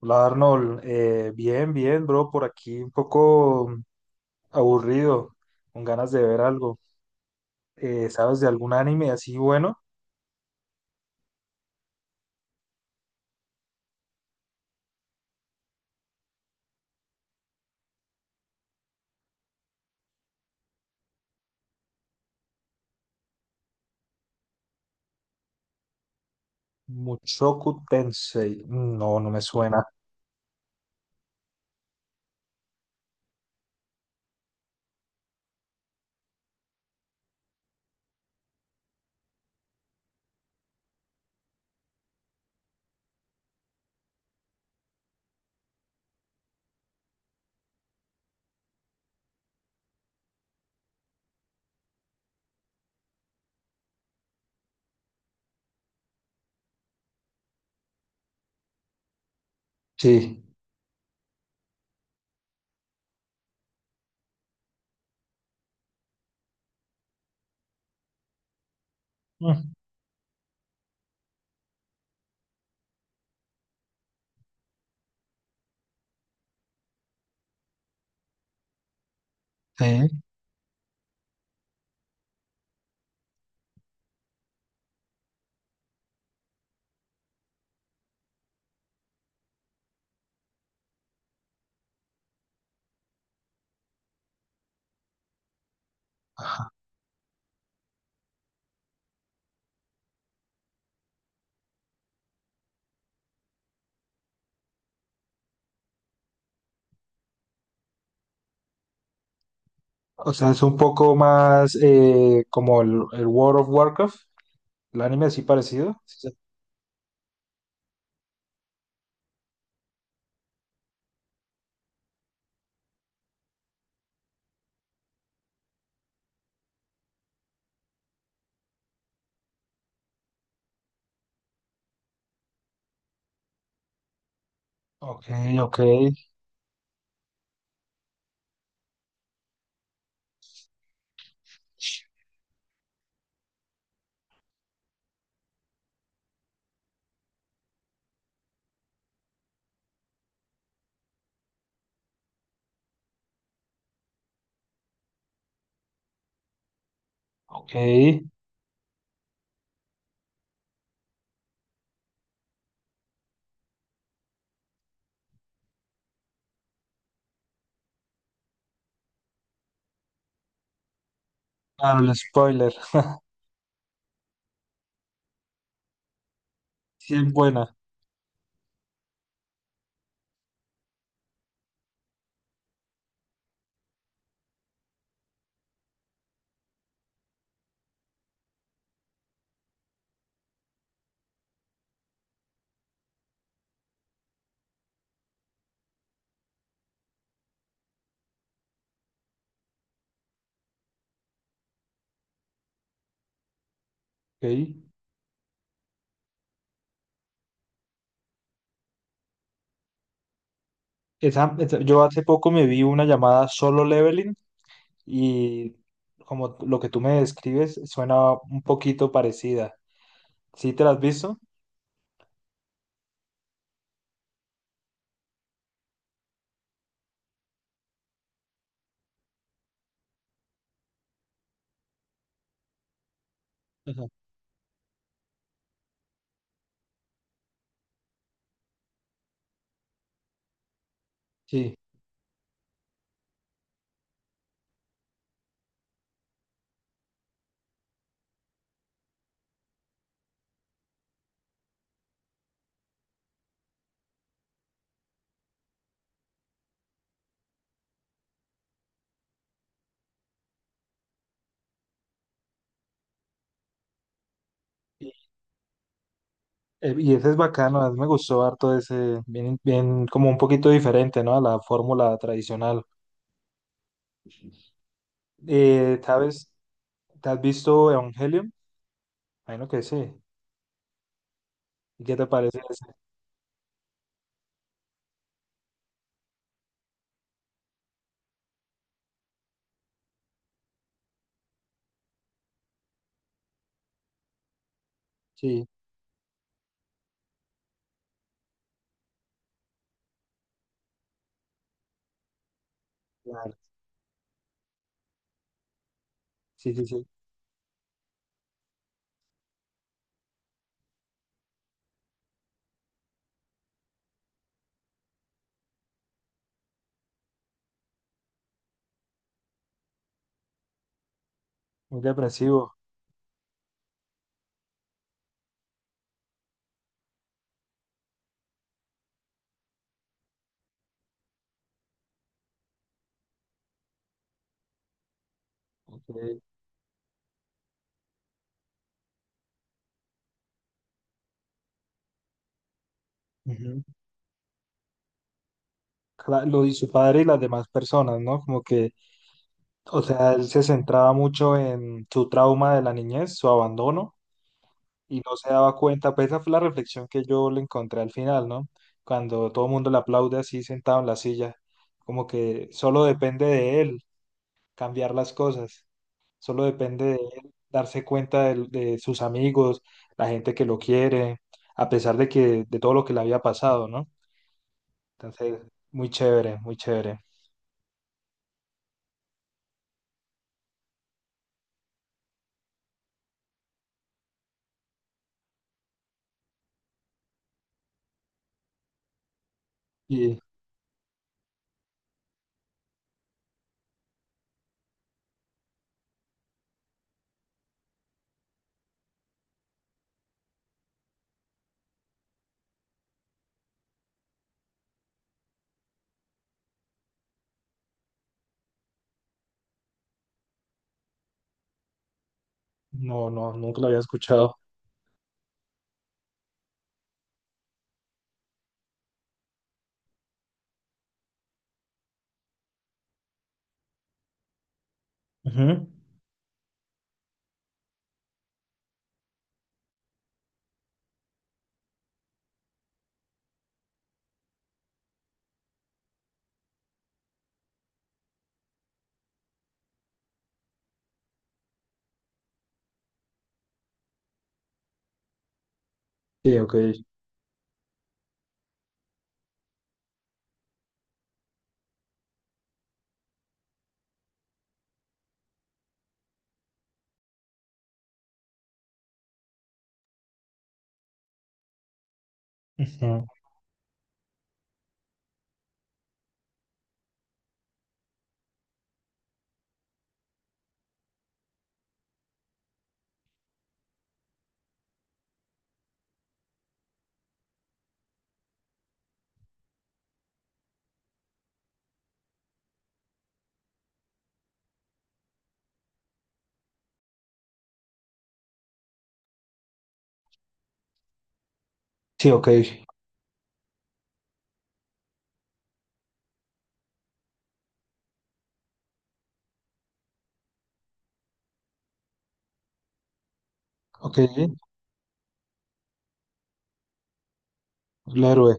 Hola Arnold. Bien, bro, por aquí un poco aburrido, con ganas de ver algo. ¿Sabes de algún anime así bueno? Mushoku Tensei. Mm, no, no me suena. Sí. Mm. Sí. O sea, es un poco más como el World of Warcraft, el anime así parecido. Sí, sí. Ok, ok, ok. Claro, el spoiler. Sí, es buena. Ok. Yo hace poco me vi una llamada Solo Leveling y como lo que tú me describes suena un poquito parecida. ¿Sí te la has visto? Ajá. Sí. Y, y ese es bacano, a mí me gustó harto ese, bien, bien, como un poquito diferente, ¿no? A la fórmula tradicional. ¿Sabes? ¿Te has visto Evangelion? Bueno que sí. ¿Y qué te parece ese? Sí, claro. Sí, sí, sí. Muy depresivo. Ok. Ujú. Lo y su padre y las demás personas, ¿no? Como que, o sea, él se centraba mucho en su trauma de la niñez, su abandono, y no se daba cuenta. Pues esa fue la reflexión que yo le encontré al final, ¿no? Cuando todo el mundo le aplaude así sentado en la silla, como que solo depende de él cambiar las cosas. Solo depende de él darse cuenta de sus amigos, la gente que lo quiere, a pesar de que de todo lo que le había pasado, ¿no? Entonces, muy chévere, muy chévere. Y no, no, nunca lo había escuchado. Ujú. Sí, ok. Ujú. Sí, ok. Ok, el héroe.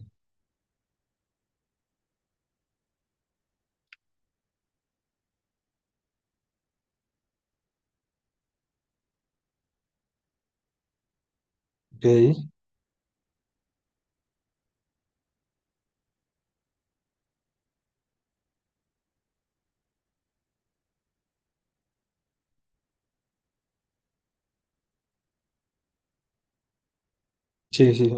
Ok. Sí, sí, sí.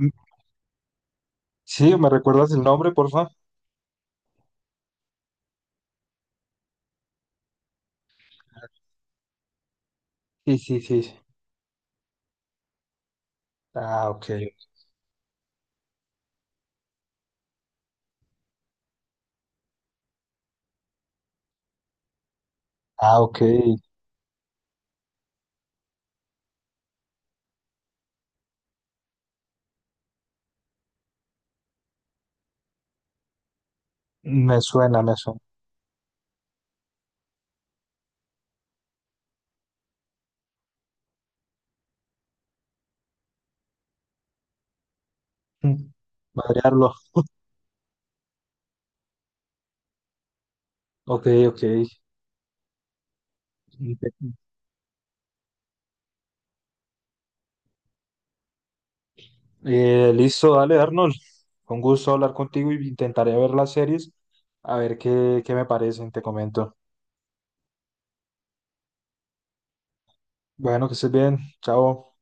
Mm. Sí, ¿me recuerdas el nombre, porfa? Sí, sí, sí, sí. Ah, ok. Ah, ok. Me suena, me suena. Mm. Variarlo. Ok, ok. Listo, dale, Arnold. Con gusto hablar contigo y intentaré ver las series, a ver qué me parecen, te comento. Bueno, que estés bien. Chao.